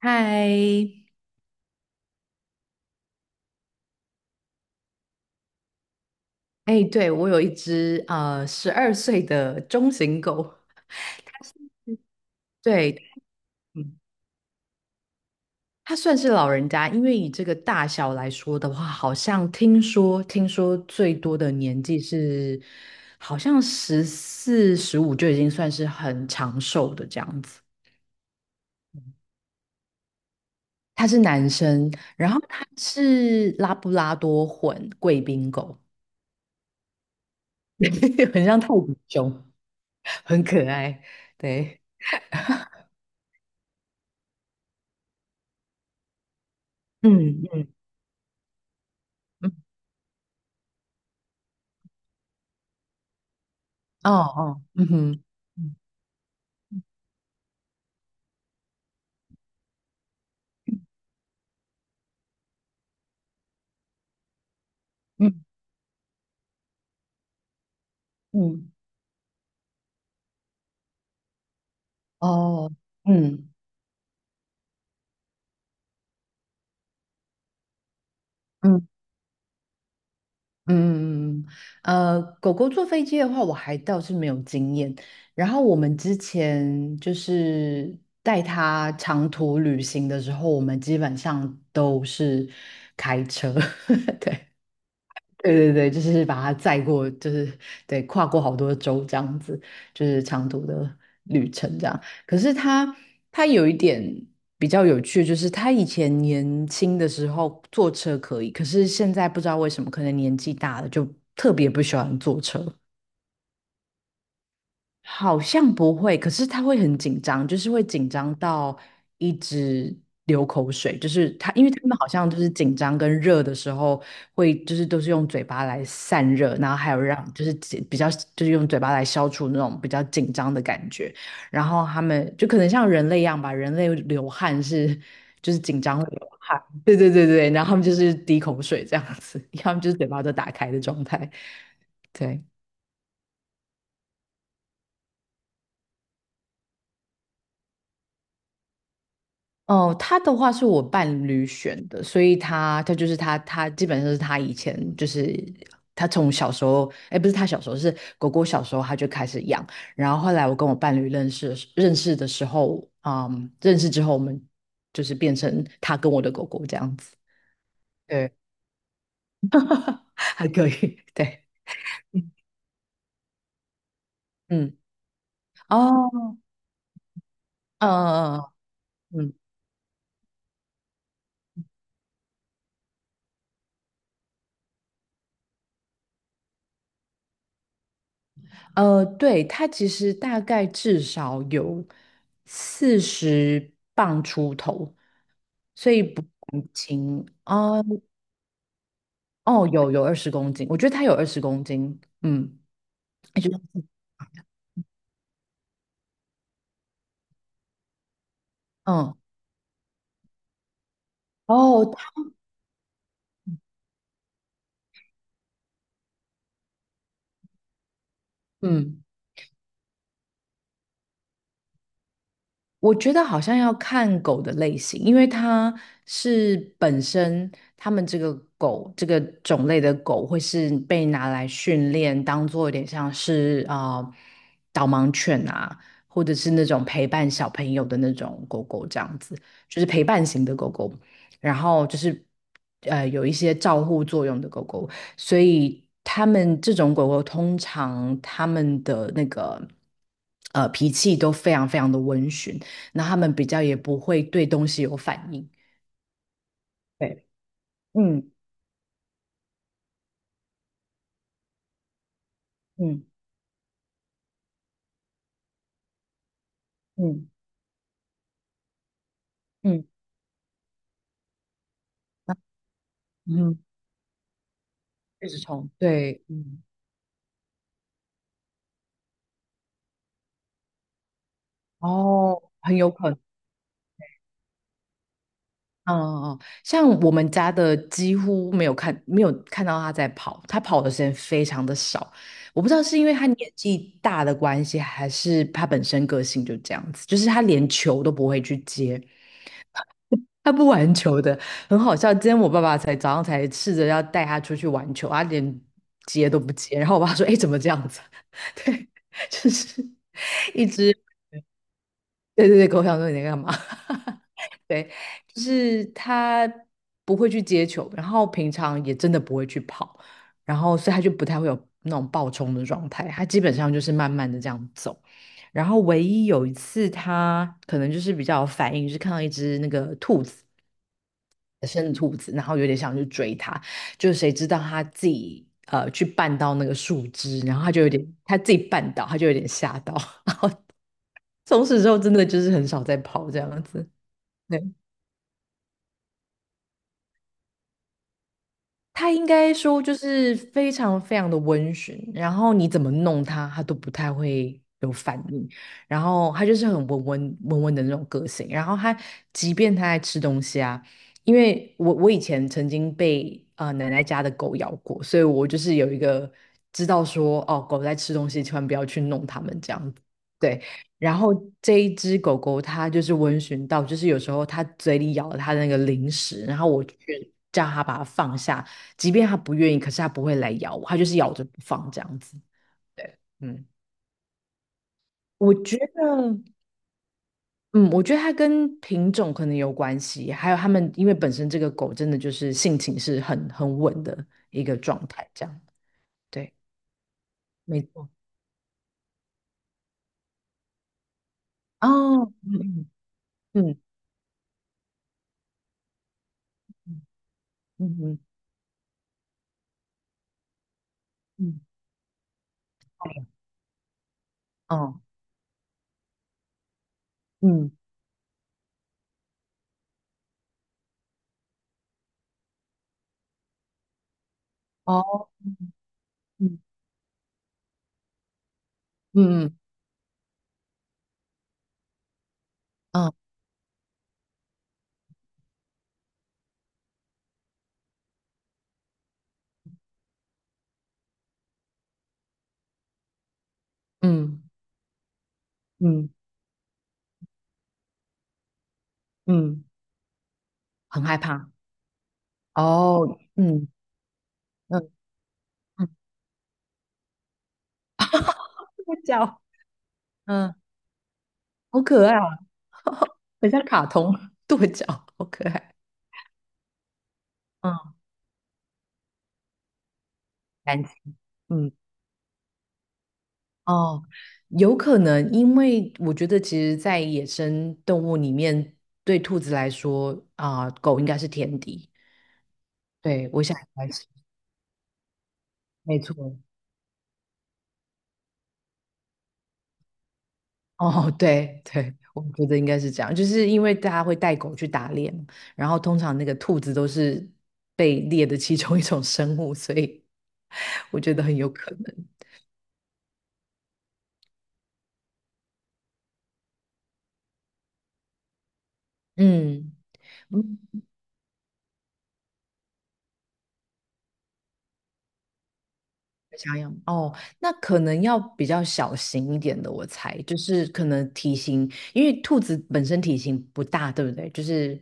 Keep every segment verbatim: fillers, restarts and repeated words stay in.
嗨，哎，对，我有一只呃十二岁的中型狗。对，嗯，它算是老人家。因为以这个大小来说的话，好像听说听说最多的年纪是好像十四十五就已经算是很长寿的这样子。它是男生，然后它是拉布拉多混贵宾狗。很像泰迪熊，很可爱，对，嗯。哦哦，嗯哼，嗯嗯嗯，哦，嗯嗯嗯嗯嗯。呃，狗狗坐飞机的话，我还倒是没有经验。然后我们之前就是带它长途旅行的时候，我们基本上都是开车。对。对对对，就是把它载过，就是对跨过好多州这样子，就是长途的旅程这样。可是他他有一点比较有趣，就是他以前年轻的时候坐车可以，可是现在不知道为什么，可能年纪大了就特别不喜欢坐车。好像不会，可是他会很紧张，就是会紧张到一直流口水。就是他，因为他们好像就是紧张跟热的时候会，就是都是用嘴巴来散热，然后还有让就是紧比较就是用嘴巴来消除那种比较紧张的感觉。然后他们就可能像人类一样吧，人类流汗是就是紧张会流汗。对对对对，然后他们就是滴口水这样子。他们就是嘴巴都打开的状态，对。哦，他的话是我伴侣选的。所以他他就是他他基本上是他以前就是他从小时候，哎，不是他小时候，是狗狗小时候他就开始养。然后后来我跟我伴侣认识的时认识的时候，嗯，认识之后我们就是变成他跟我的狗狗这样子。对，还可以，对，嗯，哦，嗯嗯，嗯嗯呃，对。它其实大概至少有四十磅出头。所以不轻哦。哦，有有二十公斤，我觉得它有二十公斤，嗯，也就是嗯哦，它嗯。我觉得好像要看狗的类型，因为它是本身它们这个狗这个种类的狗会是被拿来训练，当做有点像是啊、呃导盲犬啊，或者是那种陪伴小朋友的那种狗狗这样子，就是陪伴型的狗狗。然后就是呃有一些照护作用的狗狗，所以他们这种狗狗通常它们的那个呃脾气都非常非常的温驯。那他们比较也不会对东西有反应。对，嗯嗯嗯嗯嗯，一直冲，对，嗯，哦，很有可能。嗯嗯，嗯像我们家的几乎没有看，没有看到他在跑，他跑的时间非常的少。我不知道是因为他年纪大的关系，还是他本身个性就这样子，就是他连球都不会去接。他不玩球的，很好笑。今天我爸爸才早上才试着要带他出去玩球，他连接都不接。然后我爸说：“哎，怎么这样子？” 对，就是一只。对对对，狗想说你在干嘛？对，就是他不会去接球，然后平常也真的不会去跑，然后所以他就不太会有那种暴冲的状态，他基本上就是慢慢的这样走。然后唯一有一次，他可能就是比较有反应，就是看到一只那个兔子。生兔子，然后有点想去追它，就谁知道它自己呃去绊到那个树枝，然后它就有点它自己绊倒，它就有点吓到。从此之后，真的就是很少再跑这样子。对。他应该说就是非常非常的温驯，然后你怎么弄他，他都不太会有反应。然后他就是很温温温温的那种个性。然后他即便他在吃东西啊，因为我我以前曾经被呃奶奶家的狗咬过，所以我就是有一个知道说哦狗在吃东西，千万不要去弄它们这样子。对，然后这一只狗狗它就是温驯到，就是有时候它嘴里咬了它的那个零食，然后我去叫它把它放下，即便他不愿意，可是他不会来咬我，他就是咬着不放这样子。对，嗯，我觉得，嗯，我觉得它跟品种可能有关系。还有他们因为本身这个狗真的就是性情是很很稳的一个状态，这样。对，没错。哦，嗯嗯嗯嗯嗯嗯，哦，嗯哦，嗯嗯嗯哦嗯嗯嗯，很害怕。哦，嗯嗯嗯，这个叫，嗯，好可爱啊。很像卡通跺 脚，好可爱。嗯，感情，嗯，哦，有可能。因为我觉得其实，在野生动物里面，对兔子来说啊、狗应该是天敌。对，我想应该是，没错。哦，对对，我觉得应该是这样，就是因为大家会带狗去打猎嘛。然后通常那个兔子都是被猎的其中一种生物，所以 我觉得很有可能。嗯。小样哦，那可能要比较小型一点的，我猜，就是可能体型，因为兔子本身体型不大，对不对？就是，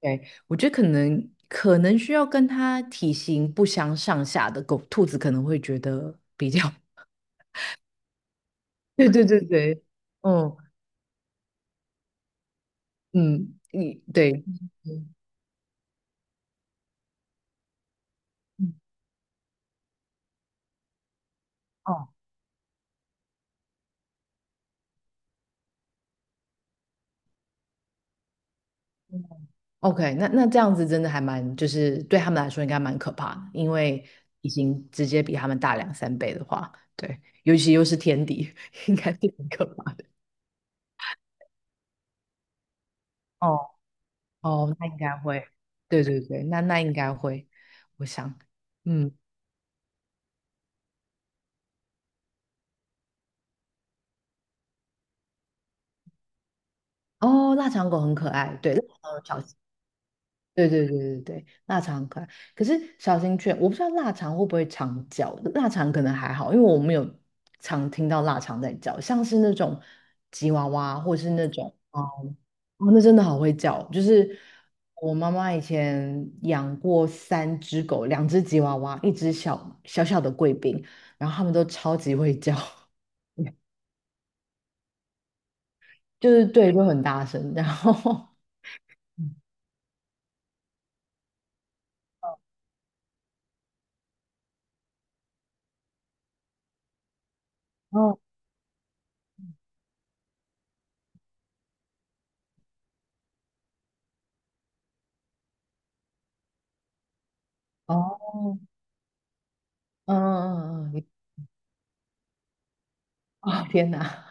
对，我觉得可能可能需要跟它体型不相上下的狗，兔子可能会觉得比较。对对对对，嗯嗯，你对，嗯嗯，哦 O K，那那这样子真的还蛮，就是对他们来说应该蛮可怕的。因为已经直接比他们大两三倍的话，对，尤其又是天敌，应该是很可怕。哦哦，那应该会。对对对，那那应该会，我想。嗯，哦，腊肠狗很可爱，对，腊肠狗对对对对对，腊肠很可爱。可是小型犬，我不知道腊肠会不会常叫。腊肠可能还好，因为我没有常听到腊肠在叫。像是那种吉娃娃或是那种，哦，哦，那真的好会叫。就是我妈妈以前养过三只狗，两只吉娃娃，一只小小小的贵宾。然后它们都超级会叫。就是对，就很大声，然后，哦哦，嗯嗯嗯，嗯 哦天哪！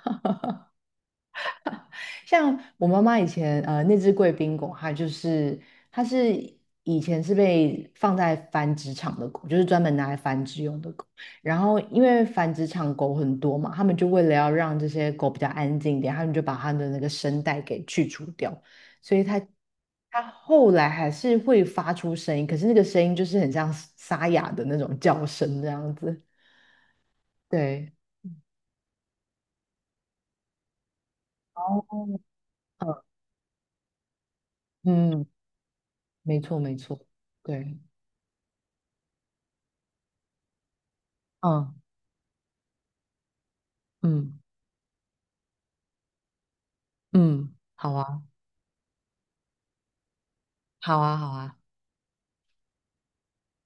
像我妈妈以前呃那只贵宾狗，它就是它是以前是被放在繁殖场的狗，就是专门拿来繁殖用的狗。然后因为繁殖场狗很多嘛，他们就为了要让这些狗比较安静一点，他们就把它的那个声带给去除掉。所以它它后来还是会发出声音，可是那个声音就是很像沙哑的那种叫声这样子。对，哦，嗯，没错没错，对，嗯嗯。嗯，好啊，好啊，好啊，